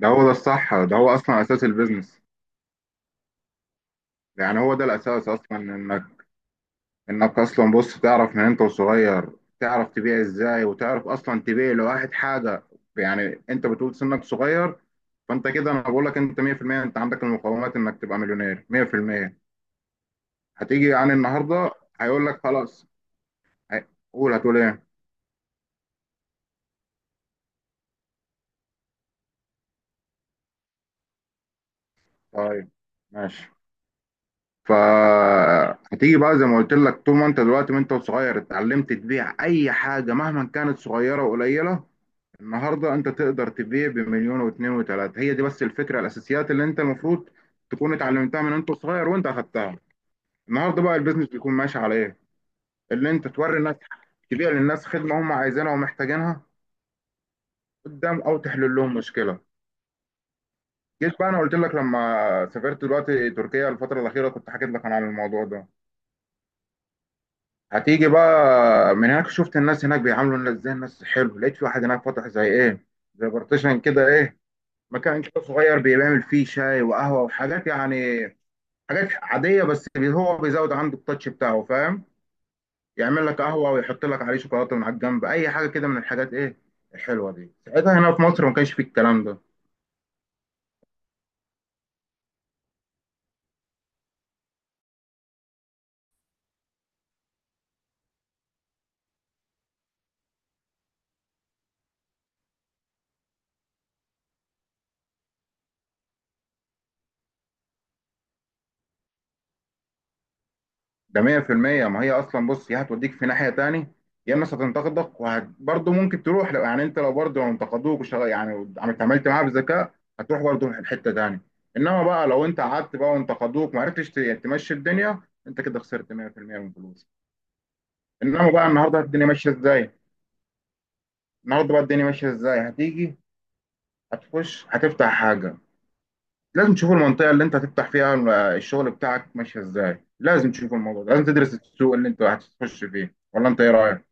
ده هو الصح، ده هو اصلا اساس البيزنس. يعني هو ده الاساس اصلا، انك اصلا بص تعرف من انت وصغير، تعرف تبيع ازاي وتعرف اصلا تبيع لواحد حاجه. يعني انت بتقول سنك صغير، فانت كده انا بقول لك انت 100%، انت عندك المقومات انك تبقى مليونير. 100%. هتيجي يعني النهارده هيقول لك خلاص. هي- قول، هتقول ايه؟ طيب، ماشي. فهتيجي بقى زي ما قلت لك، طول ما انت دلوقتي وانت صغير اتعلمت تبيع اي حاجه مهما كانت صغيره وقليله، النهارده انت تقدر تبيع بمليون واتنين وتلاته. هي دي بس الفكره، الاساسيات اللي انت المفروض تكون اتعلمتها من انت صغير وانت اخدتها. النهارده بقى البيزنس بيكون ماشي على ايه؟ اللي انت توري الناس، تبيع للناس خدمه هم عايزينها ومحتاجينها قدام، او تحل لهم مشكله. جيت بقى، انا قلت لك لما سافرت دلوقتي تركيا الفتره الاخيره كنت حكيت لك عن الموضوع ده. هتيجي بقى من هناك، شفت الناس هناك بيعاملوا الناس ازاي، الناس حلو، لقيت في واحد هناك فاتح زي ايه، زي بارتيشن كده، ايه، مكان كده صغير بيعمل فيه شاي وقهوة وحاجات يعني، حاجات عادية، بس هو بيزود عنده التاتش بتاعه، فاهم؟ يعمل لك قهوة ويحط لك عليه شوكولاتة من على الجنب، أي حاجة كده من الحاجات، ايه، الحلوة دي. ساعتها هنا في مصر ما كانش فيه الكلام ده. ده 100%. ما هي اصلا بص، يا هتوديك في ناحيه تاني، يا الناس هتنتقدك، وبرضه ممكن تروح لو يعني انت لو برضه لو انتقدوك يعني عملت معاها بذكاء، هتروح برضه حته تاني. انما بقى لو انت قعدت بقى وانتقدوك ما عرفتش تمشي الدنيا، انت كده خسرت 100% من فلوسك. انما بقى النهارده الدنيا ماشيه ازاي؟ النهارده بقى الدنيا ماشيه ازاي؟ هتيجي، هتخش، هتفتح حاجه، لازم تشوف المنطقه اللي انت هتفتح فيها الشغل بتاعك ماشيه ازاي، لازم تشوف الموضوع ده، لازم تدرس السوق اللي انت هتخش فيه، ولا انت ايه رايك؟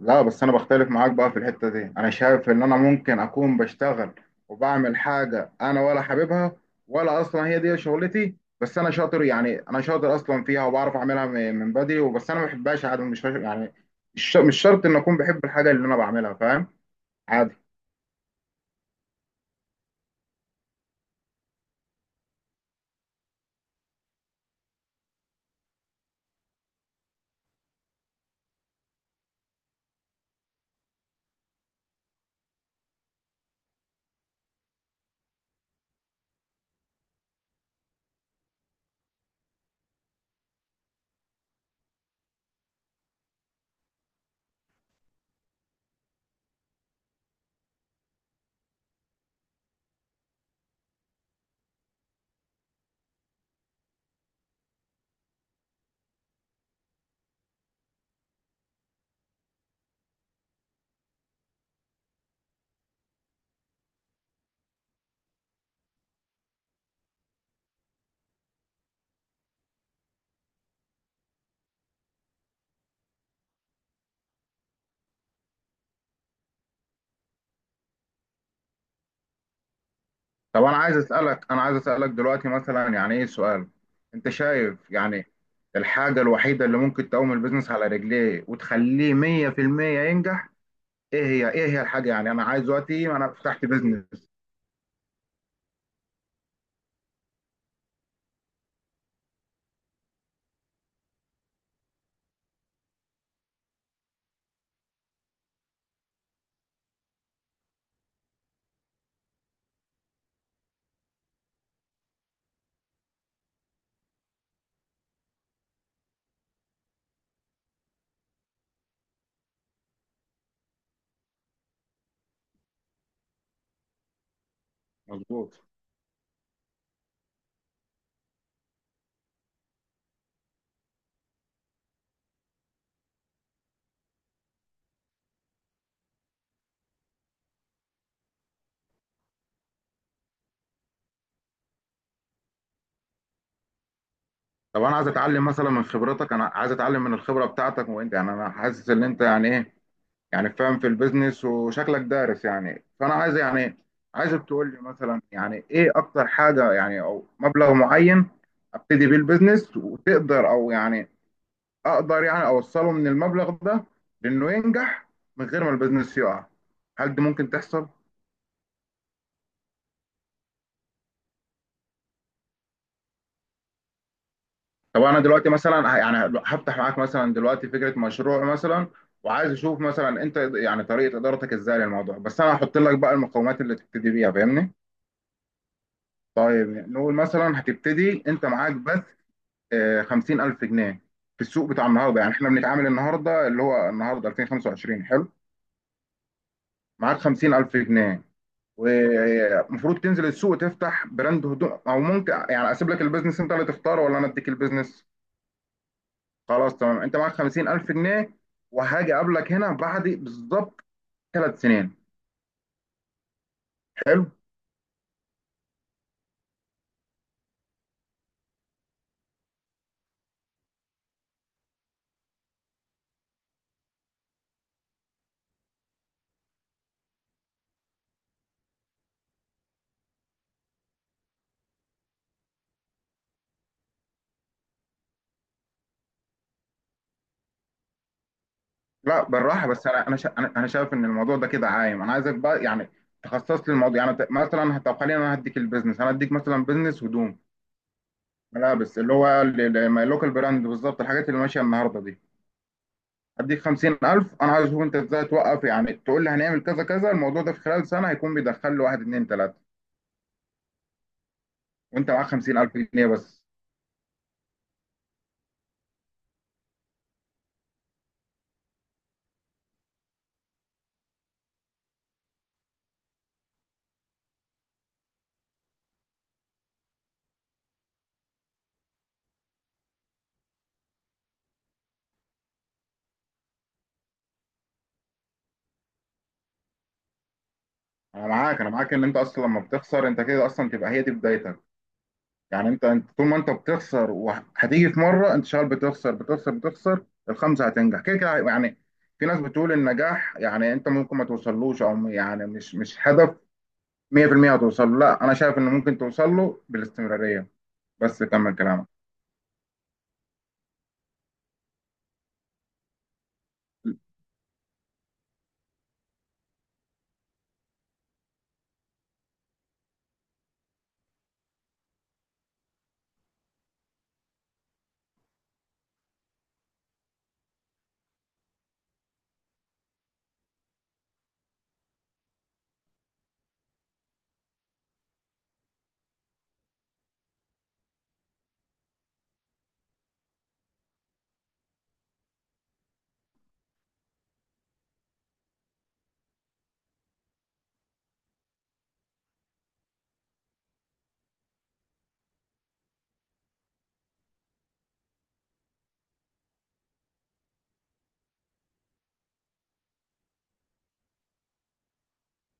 لا بس انا بختلف معاك بقى في الحتة دي. انا شايف ان انا ممكن اكون بشتغل وبعمل حاجة انا ولا حاببها، ولا اصلا هي دي شغلتي، بس انا شاطر، يعني انا شاطر اصلا فيها وبعرف اعملها من بدري، وبس انا ما بحبهاش عادي. مش يعني مش شرط ان اكون بحب الحاجة اللي انا بعملها، فاهم؟ عادي. طب انا عايز اسالك، دلوقتي مثلا، يعني ايه سؤال، انت شايف يعني الحاجة الوحيدة اللي ممكن تقوم البيزنس على رجليه وتخليه 100% ينجح، ايه هي؟ الحاجه يعني انا عايز دلوقتي، انا فتحت بيزنس. مظبوط. طب انا عايز اتعلم مثلا من خبرتك، انا عايز اتعلم من الخبره بتاعتك. وانت يعني انا حاسس ان انت يعني ايه، يعني فاهم في البيزنس وشكلك دارس يعني، فانا عايز يعني عايزك تقول لي مثلا يعني ايه اكتر حاجه، يعني او مبلغ معين ابتدي بيه البيزنس وتقدر، او يعني اقدر يعني اوصله من المبلغ ده لانه ينجح من غير ما البيزنس يقع. هل دي ممكن تحصل؟ طب انا دلوقتي مثلا يعني هفتح معاك مثلا دلوقتي فكره مشروع مثلا، وعايز اشوف مثلا انت يعني طريقه ادارتك ازاي للموضوع، بس انا هحط لك بقى المقومات اللي تبتدي بيها، فاهمني؟ طيب نقول مثلا هتبتدي انت معاك بس آه، خمسين الف جنيه. في السوق بتاع النهارده، يعني احنا بنتعامل النهارده اللي هو النهارده 2025، حلو. معاك خمسين الف جنيه، ومفروض تنزل السوق تفتح براند هدوم، او ممكن يعني اسيب لك البيزنس انت اللي تختاره، ولا انا اديك البيزنس؟ خلاص تمام، انت معاك 50,000 جنيه، وهاجي اقابلك هنا بعد بالظبط ثلاث سنين، حلو. لا بالراحه، بس انا انا شا- انا أنا شايف ان الموضوع ده كده عايم. انا عايزك بقى يعني تخصص لي الموضوع، يعني مثلا، طب خلينا انا هديك البيزنس، انا هديك مثلا بيزنس هدوم، ملابس اللي هو اللوكال براند، بالظبط الحاجات اللي ماشيه النهارده دي. هديك 50,000، انا عايز اشوف انت ازاي توقف، يعني تقول لي هنعمل كذا كذا، الموضوع ده في خلال سنه هيكون بيدخل له واحد اتنين تلاته، وانت معاك 50,000 جنيه بس. انا معاك، ان انت اصلا لما بتخسر انت كده اصلا تبقى هي دي بدايتك. يعني انت طول ما انت بتخسر، وهتيجي في مره انت شغال بتخسر بتخسر بتخسر، الخمسه هتنجح كده كده يعني. في ناس بتقول النجاح يعني انت ممكن ما توصلوش، او يعني مش هدف 100% هتوصل له. لا انا شايف ان ممكن توصل له بالاستمراريه، بس كمل كلامك.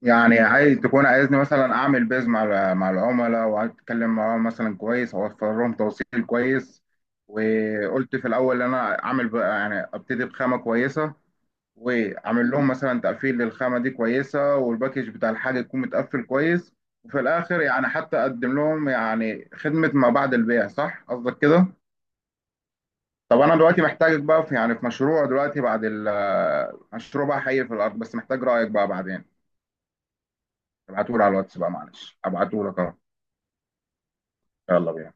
يعني عايز تكون، عايزني مثلا اعمل بيز مع مع العملاء، وعايز اتكلم معاهم مثلا كويس، اوفر لهم توصيل كويس. وقلت في الاول ان انا اعمل بقى يعني ابتدي بخامه كويسه، واعمل لهم مثلا تقفيل للخامه دي كويسه، والباكج بتاع الحاجه يكون متقفل كويس، وفي الاخر يعني حتى اقدم لهم يعني خدمه ما بعد البيع. صح، قصدك كده؟ طب انا دلوقتي محتاجك بقى في يعني في مشروع دلوقتي بعد ال، مشروع بقى حي في الارض، بس محتاج رايك بقى بعدين. ابعتهولي على الواتس بقى، معلش، ابعتهولك اهو. يلا بينا.